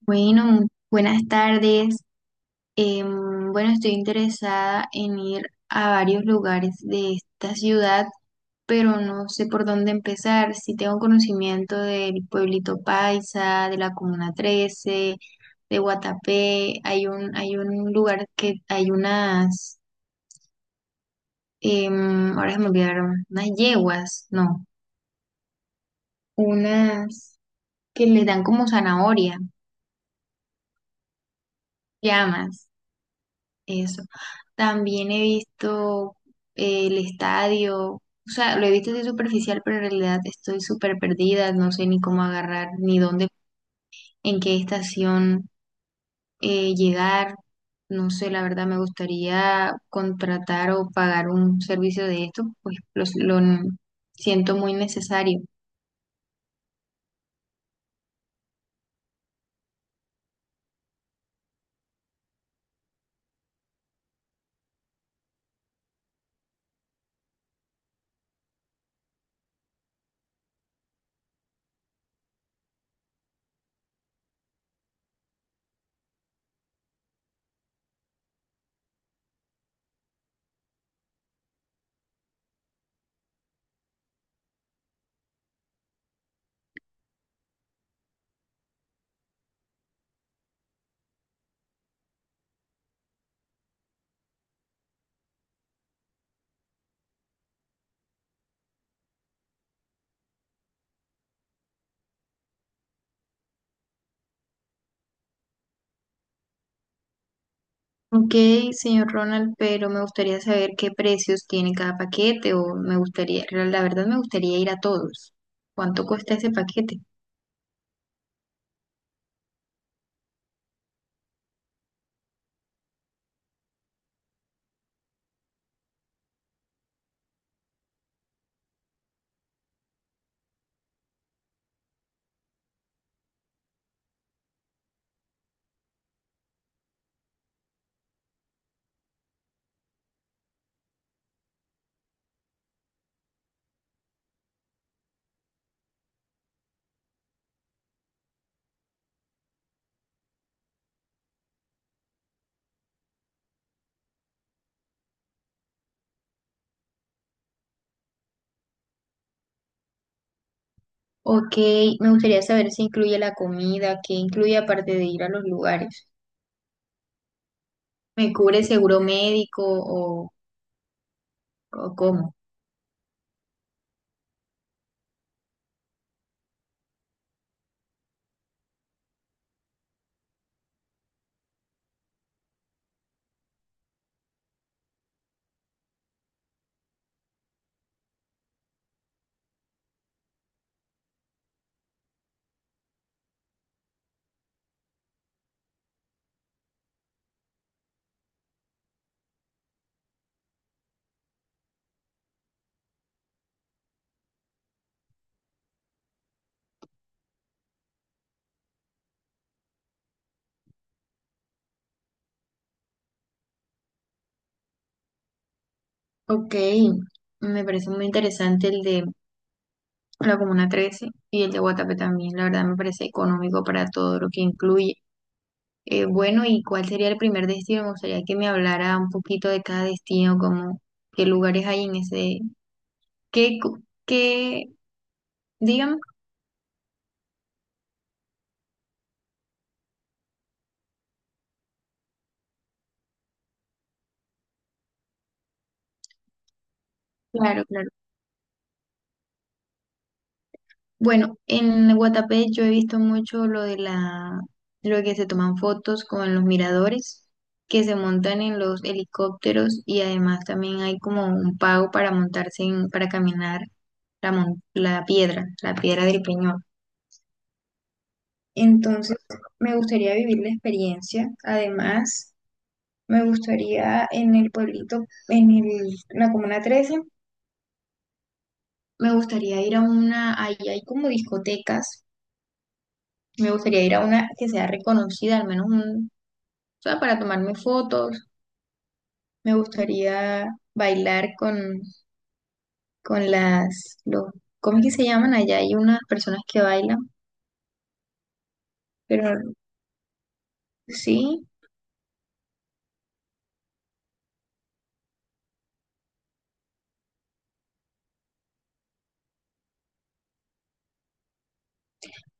Bueno, buenas tardes. Bueno, estoy interesada en ir a varios lugares de esta ciudad, pero no sé por dónde empezar. Si tengo conocimiento del pueblito Paisa, de la Comuna 13, de Guatapé, hay un lugar que hay unas, ahora se me olvidaron, unas yeguas, no, unas que les dan como zanahoria, llamas. Eso. También he visto el estadio, o sea, lo he visto así superficial, pero en realidad estoy súper perdida, no sé ni cómo agarrar, ni dónde, en qué estación llegar. No sé, la verdad me gustaría contratar o pagar un servicio de esto, pues lo, siento muy necesario. Ok, señor Ronald, pero me gustaría saber qué precios tiene cada paquete o me gustaría, la verdad me gustaría ir a todos. ¿Cuánto cuesta ese paquete? Ok, me gustaría saber si incluye la comida, qué incluye aparte de ir a los lugares. ¿Me cubre seguro médico o cómo? Ok, me parece muy interesante el de la Comuna 13 y el de Guatapé también. La verdad me parece económico para todo lo que incluye. Bueno, ¿y cuál sería el primer destino? Me gustaría que me hablara un poquito de cada destino, como qué lugares hay en ese, qué, qué, dígame. Claro, claro. Bueno, en Guatapé yo he visto mucho lo de la, lo de que se toman fotos con los miradores, que se montan en los helicópteros y además también hay como un pago para montarse en, para caminar la, la piedra del Peñón. Entonces, me gustaría vivir la experiencia. Además, me gustaría en el pueblito, en la Comuna 13, me gustaría ir a una, ahí hay como discotecas. Me gustaría ir a una que sea reconocida, al menos un, o sea, para tomarme fotos. Me gustaría bailar con las, los, ¿cómo es que se llaman? Allá hay unas personas que bailan, pero sí,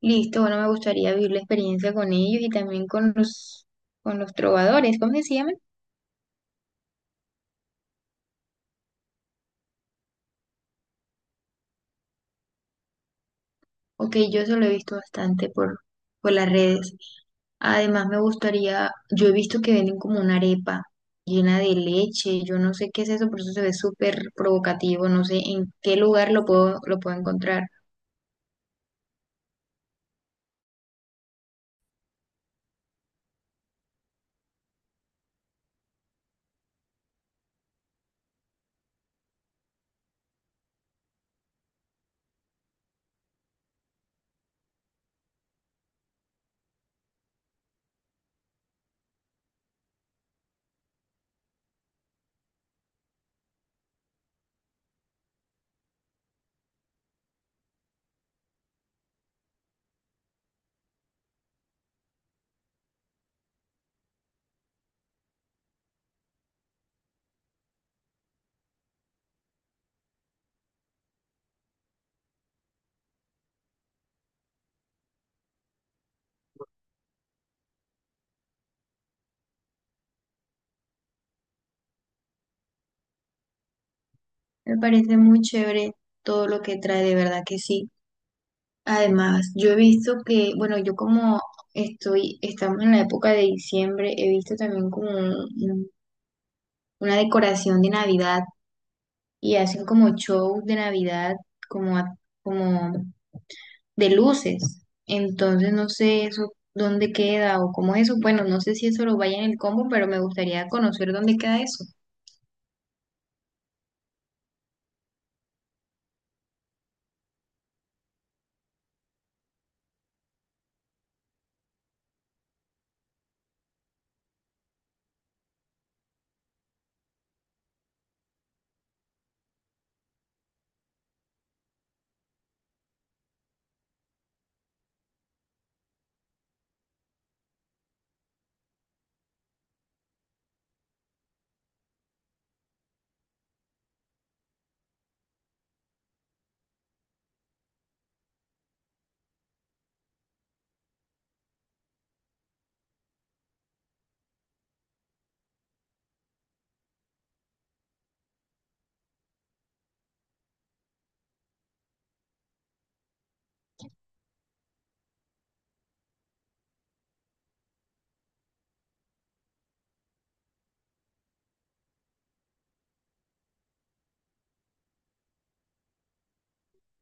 listo, bueno, me gustaría vivir la experiencia con ellos y también con los trovadores, ¿cómo es que se llaman? Ok, yo eso lo he visto bastante por las redes. Además, me gustaría, yo he visto que venden como una arepa llena de leche, yo no sé qué es eso, por eso se ve súper provocativo, no sé en qué lugar lo puedo encontrar. Me parece muy chévere todo lo que trae, de verdad que sí. Además, yo he visto que, bueno, yo como estoy, estamos en la época de diciembre, he visto también como una decoración de Navidad y hacen como show de Navidad, como, como de luces. Entonces no sé eso dónde queda o cómo es eso. Bueno, no sé si eso lo vaya en el combo, pero me gustaría conocer dónde queda eso.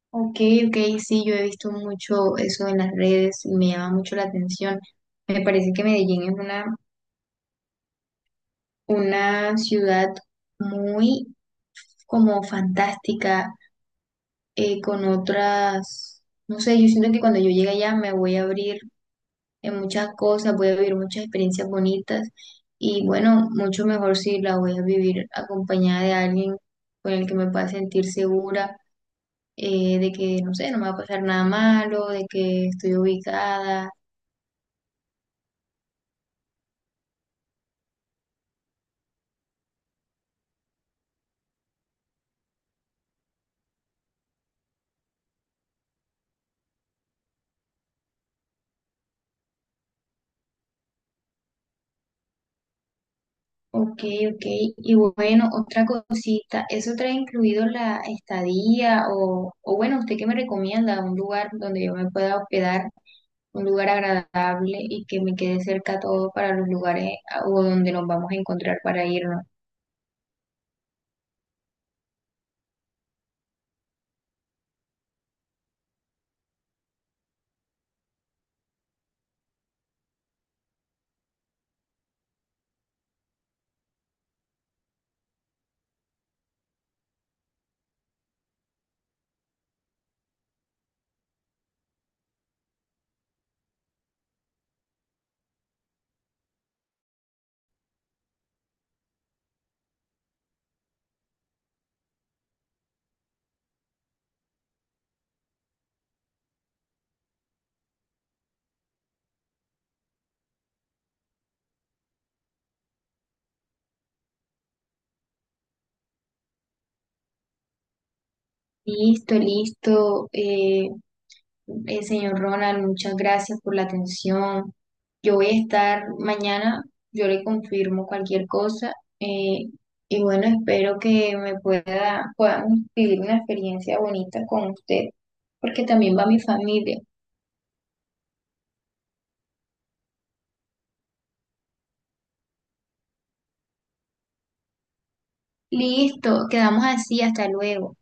Ok, ok, sí, yo he visto mucho eso en las redes y me llama mucho la atención. Me parece que Medellín es una ciudad muy como fantástica, con otras, no sé, yo siento que cuando yo llegue allá me voy a abrir en muchas cosas, voy a vivir muchas experiencias bonitas y bueno, mucho mejor si la voy a vivir acompañada de alguien con el que me pueda sentir segura de que, no sé, no me va a pasar nada malo, de que estoy ubicada. Ok, ok. Y bueno, otra cosita, ¿eso trae incluido la estadía o bueno, usted qué me recomienda? Un lugar donde yo me pueda hospedar, un lugar agradable y que me quede cerca todo para los lugares ah, o donde nos vamos a encontrar para irnos. Listo, listo. Señor Ronald, muchas gracias por la atención. Yo voy a estar mañana, yo le confirmo cualquier cosa. eh, y bueno, espero que me pueda, podamos vivir una experiencia bonita con usted, porque también va mi familia. Listo, quedamos así, hasta luego.